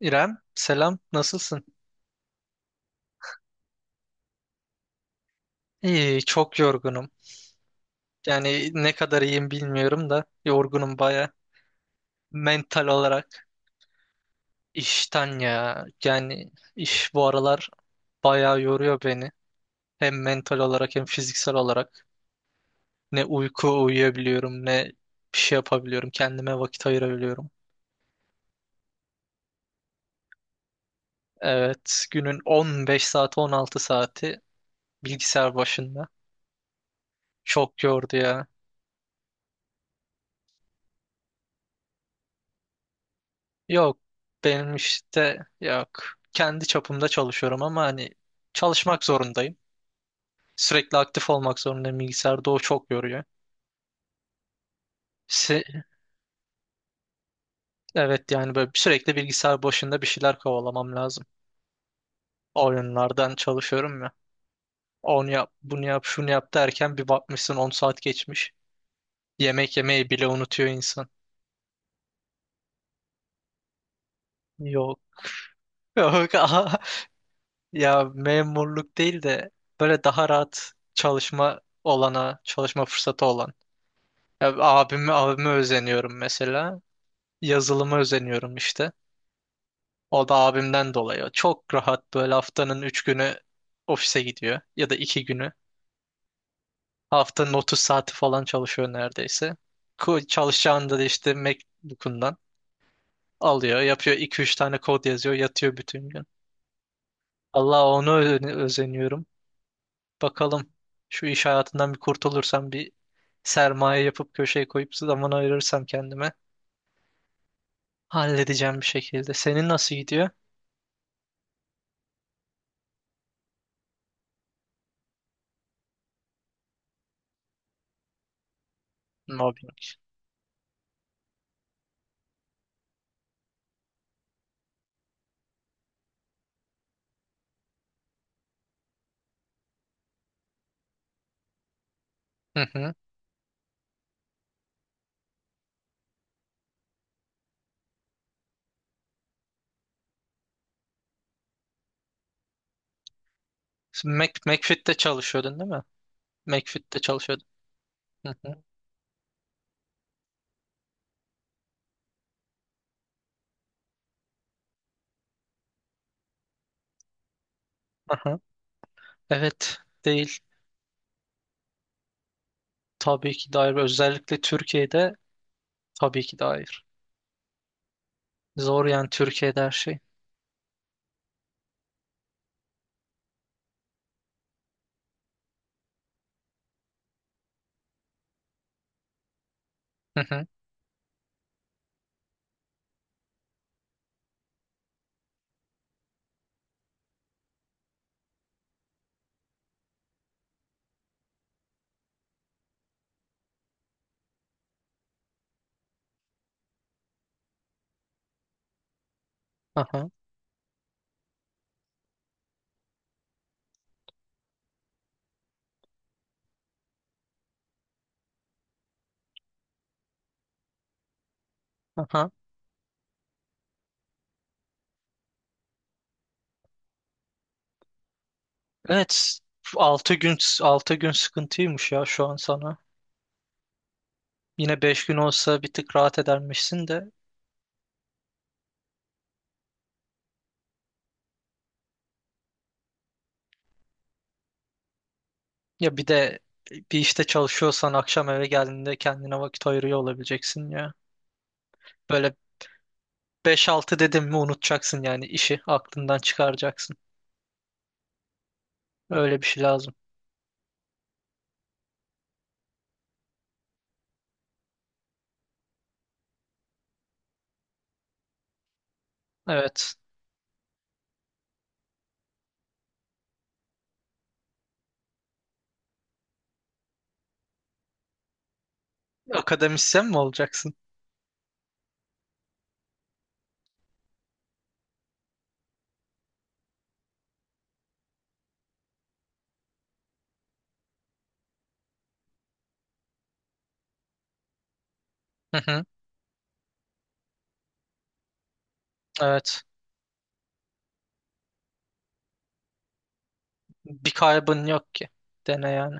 İrem, selam. Nasılsın? İyi, çok yorgunum. Yani ne kadar iyiyim bilmiyorum da yorgunum baya. Mental olarak işten ya. Yani iş bu aralar baya yoruyor beni. Hem mental olarak hem fiziksel olarak. Ne uyku uyuyabiliyorum ne bir şey yapabiliyorum. Kendime vakit ayırabiliyorum. Evet, günün 15 saati 16 saati bilgisayar başında. Çok yordu ya. Yok, benim işte yok. Kendi çapımda çalışıyorum ama hani çalışmak zorundayım. Sürekli aktif olmak zorundayım. Bilgisayarda o çok yoruyor. Se- evet, yani böyle sürekli bilgisayar başında bir şeyler kovalamam lazım. Oyunlardan çalışıyorum ya. Onu yap, bunu yap, şunu yap derken bir bakmışsın 10 saat geçmiş. Yemek yemeyi bile unutuyor insan. Yok. Yok. Aha. Ya memurluk değil de böyle daha rahat çalışma fırsatı olan. Ya abime özeniyorum mesela. Yazılıma özeniyorum işte. O da abimden dolayı. Çok rahat böyle haftanın 3 günü ofise gidiyor. Ya da 2 günü. Haftanın 30 saati falan çalışıyor neredeyse. Çalışacağını da işte MacBook'undan alıyor. Yapıyor, iki üç tane kod yazıyor. Yatıyor bütün gün. Allah onu özeniyorum. Bakalım, şu iş hayatından bir kurtulursam, bir sermaye yapıp köşeye koyup zaman ayırırsam kendime, halledeceğim bir şekilde. Senin nasıl gidiyor? Mobbing. Hı hı. Sen McFit'te çalışıyordun değil mi? McFit'te çalışıyordun. Hı hı. Aha. Evet. Değil. Tabii ki de hayır. Özellikle Türkiye'de tabii ki de hayır. Zor yani Türkiye'de her şey. Hı hı. Aha. Aha. Evet. 6 gün 6 gün sıkıntıymış ya şu an sana. Yine 5 gün olsa bir tık rahat edermişsin de. Ya bir de bir işte çalışıyorsan akşam eve geldiğinde kendine vakit ayırıyor olabileceksin ya. Böyle. 5-6 dedim mi unutacaksın yani, işi aklından çıkaracaksın. Öyle bir şey lazım. Evet. Akademisyen mi olacaksın? Hı hı. Evet. Bir kaybın yok ki. Dene yani.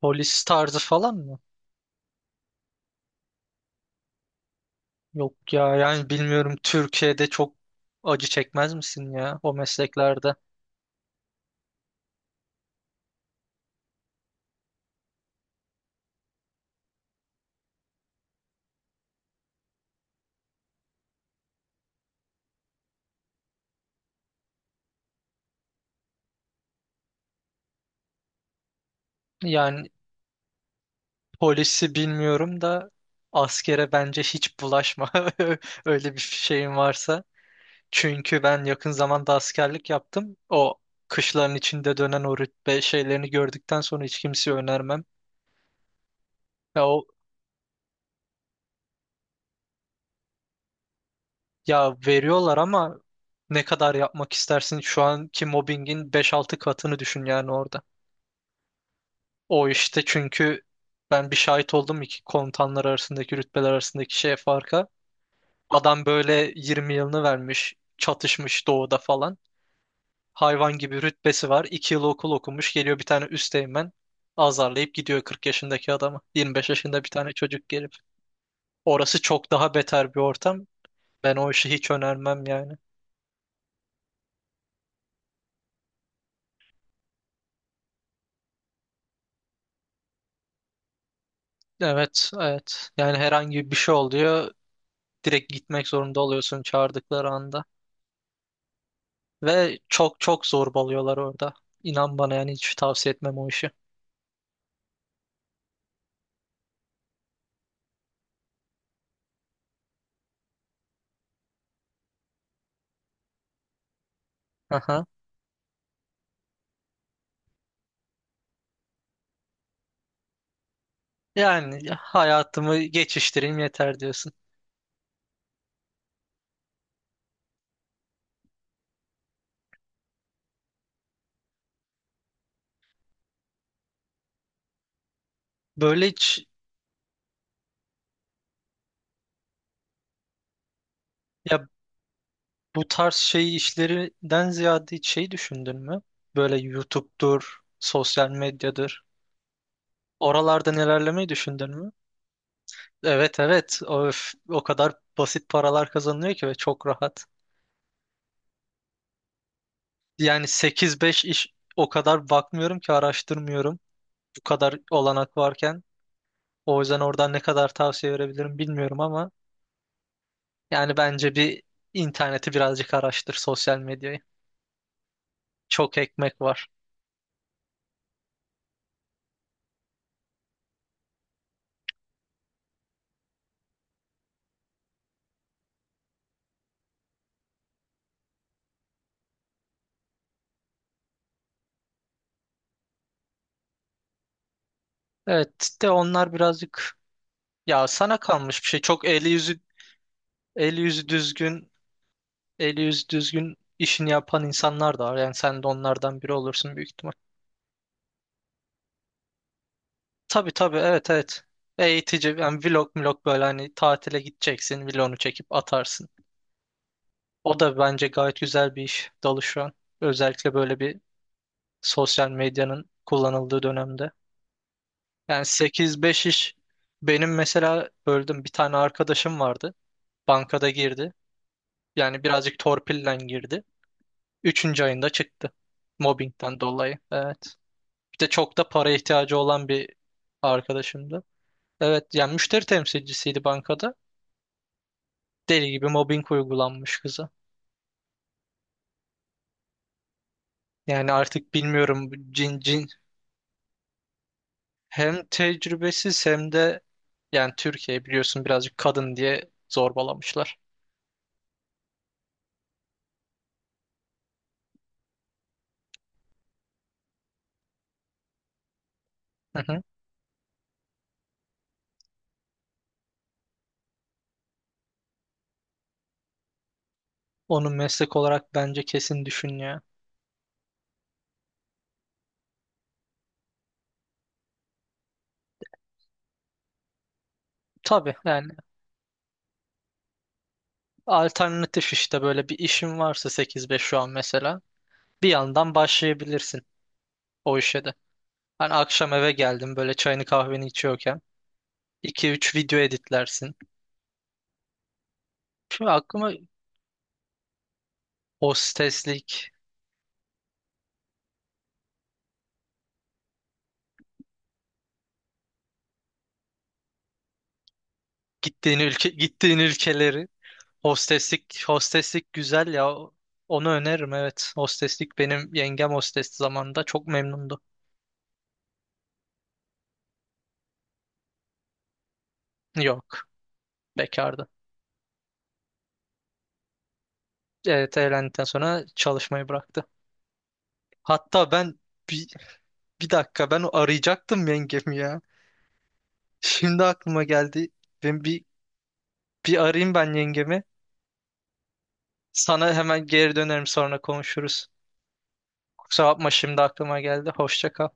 Polis tarzı falan mı? Yok ya, yani bilmiyorum, Türkiye'de çok acı çekmez misin ya o mesleklerde? Yani polisi bilmiyorum da askere bence hiç bulaşma. Öyle bir şeyin varsa. Çünkü ben yakın zamanda askerlik yaptım. O kışların içinde dönen o rütbe şeylerini gördükten sonra hiç kimseye önermem. Ya, o, Ya veriyorlar ama ne kadar yapmak istersin? Şu anki mobbingin 5-6 katını düşün yani orada. O işte çünkü ben bir şahit oldum iki komutanlar arasındaki, rütbeler arasındaki şeye farka. Adam böyle 20 yılını vermiş, çatışmış doğuda falan. Hayvan gibi rütbesi var. 2 yıl okul okumuş. Geliyor bir tane üsteğmen, azarlayıp gidiyor 40 yaşındaki adamı. 25 yaşında bir tane çocuk gelip. Orası çok daha beter bir ortam. Ben o işi hiç önermem yani. Evet, evet. Yani herhangi bir şey oluyor. Direkt gitmek zorunda oluyorsun çağırdıkları anda. Ve çok çok zorbalıyorlar orada. İnan bana, yani hiç tavsiye etmem o işi. Aha. Yani hayatımı geçiştireyim yeter diyorsun. Böyle hiç ya. Bu tarz şey işlerinden ziyade hiç şey düşündün mü? Böyle YouTube'dur, sosyal medyadır. Oralarda nelerlemeyi düşündün mü? Evet, evet. Öf, o kadar basit paralar kazanılıyor ki ve çok rahat. Yani 8-5 iş o kadar bakmıyorum ki, araştırmıyorum. Bu kadar olanak varken. O yüzden oradan ne kadar tavsiye verebilirim bilmiyorum ama yani bence bir, interneti birazcık araştır, sosyal medyayı. Çok ekmek var. Evet de onlar birazcık. Ya sana kalmış bir şey. Çok eli yüzü düzgün, eli yüzü düzgün işini yapan insanlar da var. Yani sen de onlardan biri olursun büyük ihtimal. Tabii tabii, evet evet. Eğitici yani vlog vlog böyle hani tatile gideceksin vlogunu çekip atarsın. O da bence gayet güzel bir iş dalı şu an. Özellikle böyle bir sosyal medyanın kullanıldığı dönemde. Yani 8-5 iş, benim mesela böldüm bir tane arkadaşım vardı. Bankada girdi. Yani birazcık torpille girdi. Üçüncü ayında çıktı. Mobbingden dolayı. Evet. Bir de çok da para ihtiyacı olan bir arkadaşımdı. Evet yani müşteri temsilcisiydi bankada. Deli gibi mobbing uygulanmış kıza. Yani artık bilmiyorum, bu cin cin hem tecrübesiz hem de yani Türkiye biliyorsun birazcık kadın diye zorbalamışlar. Hı hı. Onu meslek olarak bence kesin düşün ya. Tabii yani, alternatif işte böyle bir işin varsa 8-5 şu an mesela, bir yandan başlayabilirsin o işe de. Hani akşam eve geldim böyle çayını kahveni içiyorken iki üç video editlersin. Şimdi aklıma hosteslik, gittiğin ülkeleri, hosteslik hosteslik güzel ya. Onu öneririm, evet. Hosteslik, benim yengem hostesti zamanında, çok memnundu. Yok, bekardı. Evet, evlendikten sonra çalışmayı bıraktı. Hatta ben bir, bir dakika, ben arayacaktım yengemi ya. Şimdi aklıma geldi. Ben bir arayayım ben yengemi. Sana hemen geri dönerim, sonra konuşuruz. Kusura bakma, şimdi aklıma geldi. Hoşça kal.